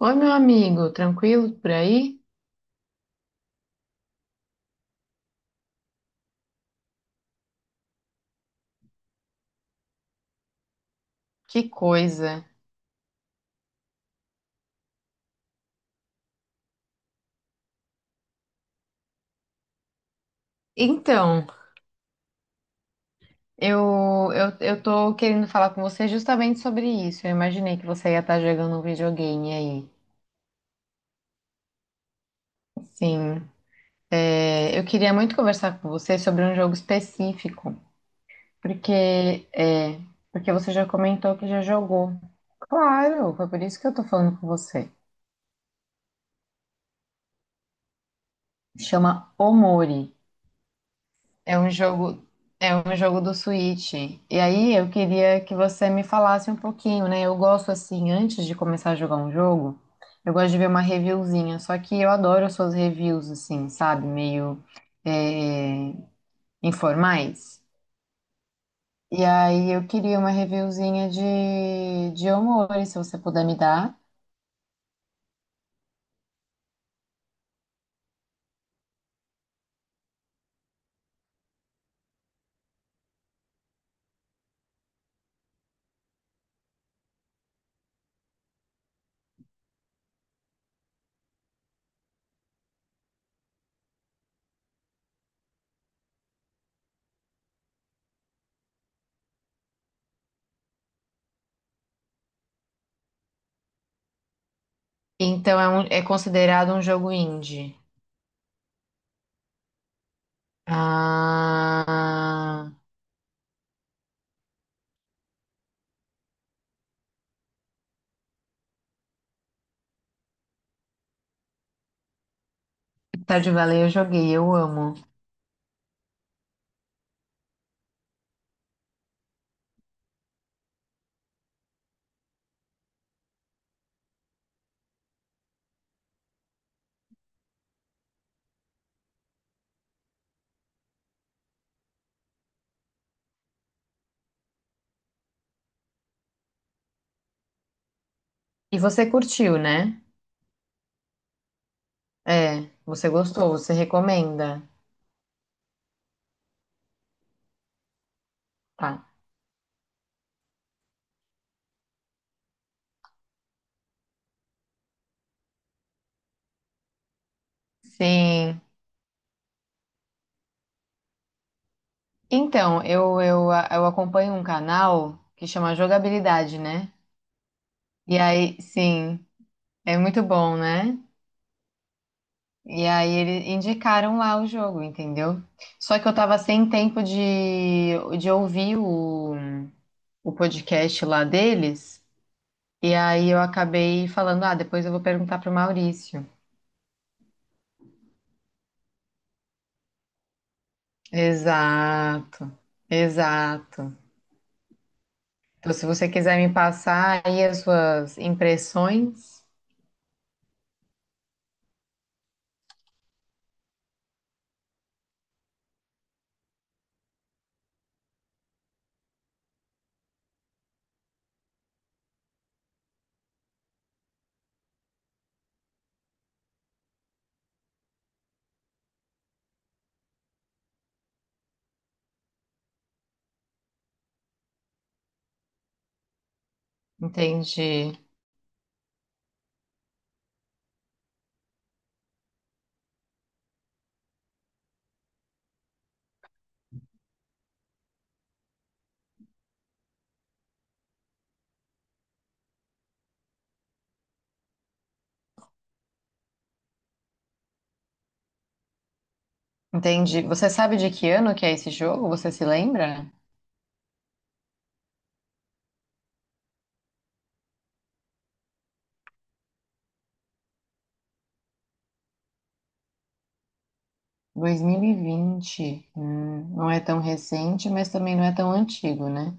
Oi, meu amigo, tranquilo por aí? Que coisa. Então, eu tô querendo falar com você justamente sobre isso. Eu imaginei que você ia estar jogando um videogame aí. Sim, é, eu queria muito conversar com você sobre um jogo específico, porque é, porque você já comentou que já jogou. Claro, foi por isso que eu tô falando com você. Chama Omori. É um jogo, é um jogo do Switch. E aí eu queria que você me falasse um pouquinho, né? Eu gosto assim, antes de começar a jogar um jogo, eu gosto de ver uma reviewzinha. Só que eu adoro as suas reviews, assim, sabe? Meio é, informais. E aí eu queria uma reviewzinha de Omori, se você puder me dar. Então é, é considerado um jogo indie. Ah, Stardew Valley eu joguei, eu amo. E você curtiu, né? É, você gostou, você recomenda. Tá. Sim. Então, eu acompanho um canal que chama Jogabilidade, né? E aí, sim, é muito bom, né? E aí eles indicaram lá o jogo, entendeu? Só que eu tava sem tempo de ouvir o podcast lá deles. E aí eu acabei falando, ah, depois eu vou perguntar pro Maurício. Exato, exato. Então, se você quiser me passar aí as suas impressões, entendi. Entendi. Você sabe de que ano que é esse jogo? Você se lembra? 2020. Não é tão recente, mas também não é tão antigo, né?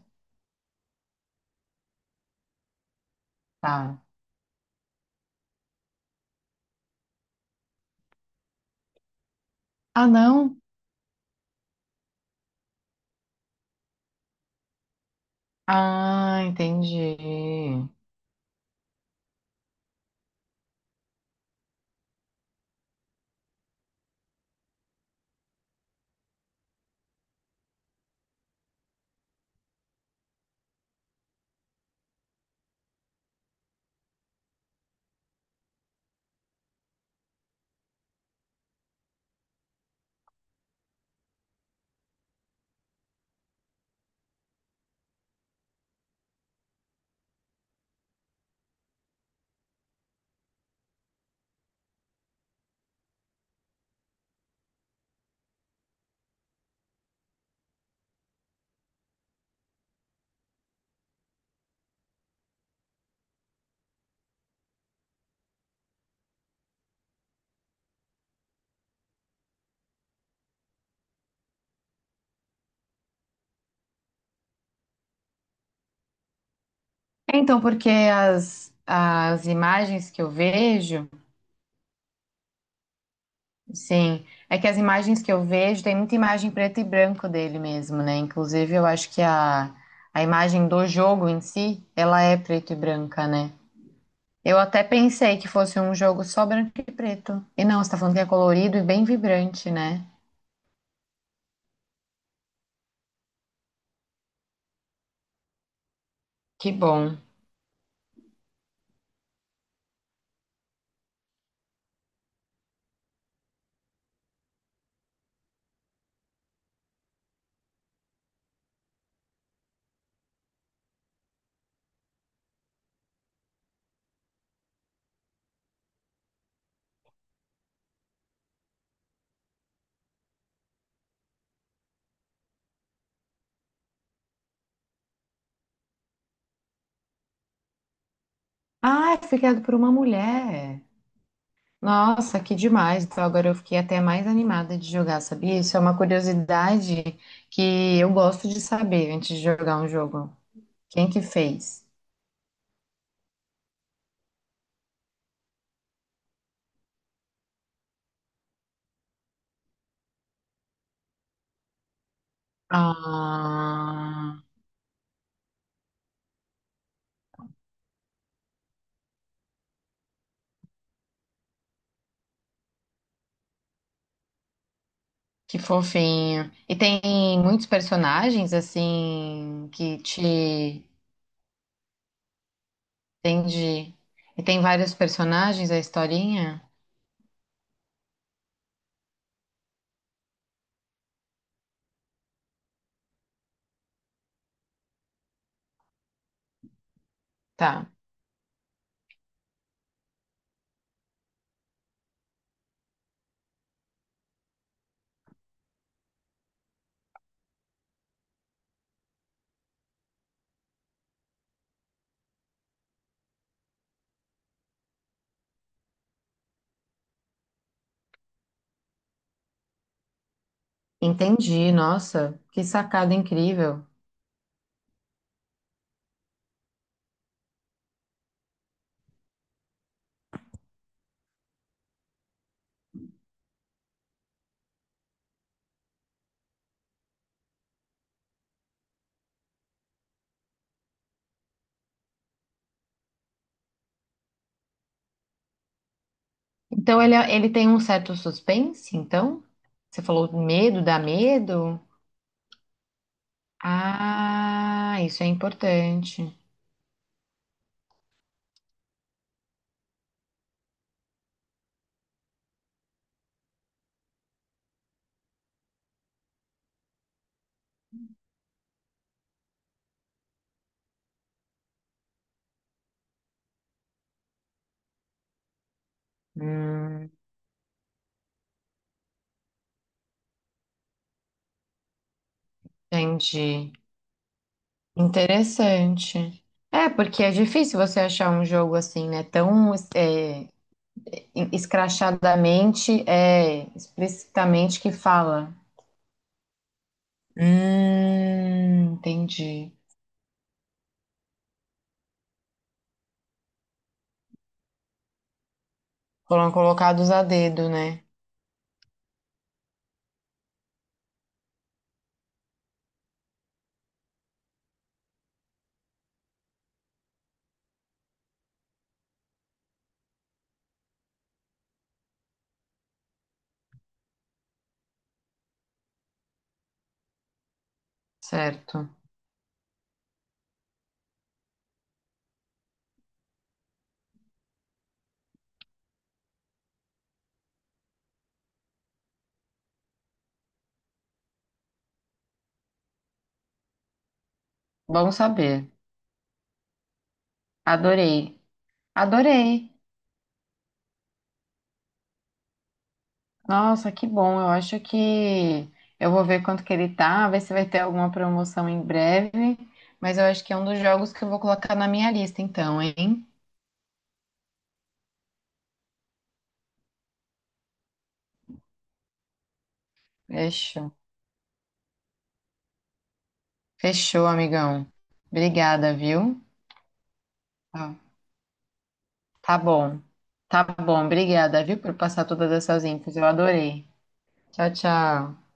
Tá. Ah, não? Ah, entendi. Então, porque as imagens que eu vejo sim, é que as imagens que eu vejo, tem muita imagem preto e branco dele mesmo, né? Inclusive, eu acho que a imagem do jogo em si, ela é preto e branca, né? Eu até pensei que fosse um jogo só branco e preto. E não, você tá falando que é colorido e bem vibrante, né? Que bom. Ah, foi criado por uma mulher. Nossa, que demais. Então agora eu fiquei até mais animada de jogar, sabia? Isso é uma curiosidade que eu gosto de saber antes de jogar um jogo. Quem que fez? Ah, que fofinho. E tem muitos personagens assim que te entendi. E tem vários personagens a historinha? Tá, entendi. Nossa, que sacada incrível. Então ele, é, ele tem um certo suspense, então? Você falou medo, dá medo? Ah, isso é importante. Hum, entendi. Interessante. É, porque é difícil você achar um jogo assim, né? Tão é, escrachadamente, é, explicitamente que fala. Entendi. Foram colocados a dedo, né? Certo. Bom saber. Adorei. Adorei. Nossa, que bom. Eu acho que eu vou ver quanto que ele tá, ver se vai ter alguma promoção em breve. Mas eu acho que é um dos jogos que eu vou colocar na minha lista, então, hein? Fechou. Fechou, amigão. Obrigada, viu? Tá tá bom. Tá bom, obrigada, viu, por passar todas essas infos. Eu adorei. Tchau, tchau.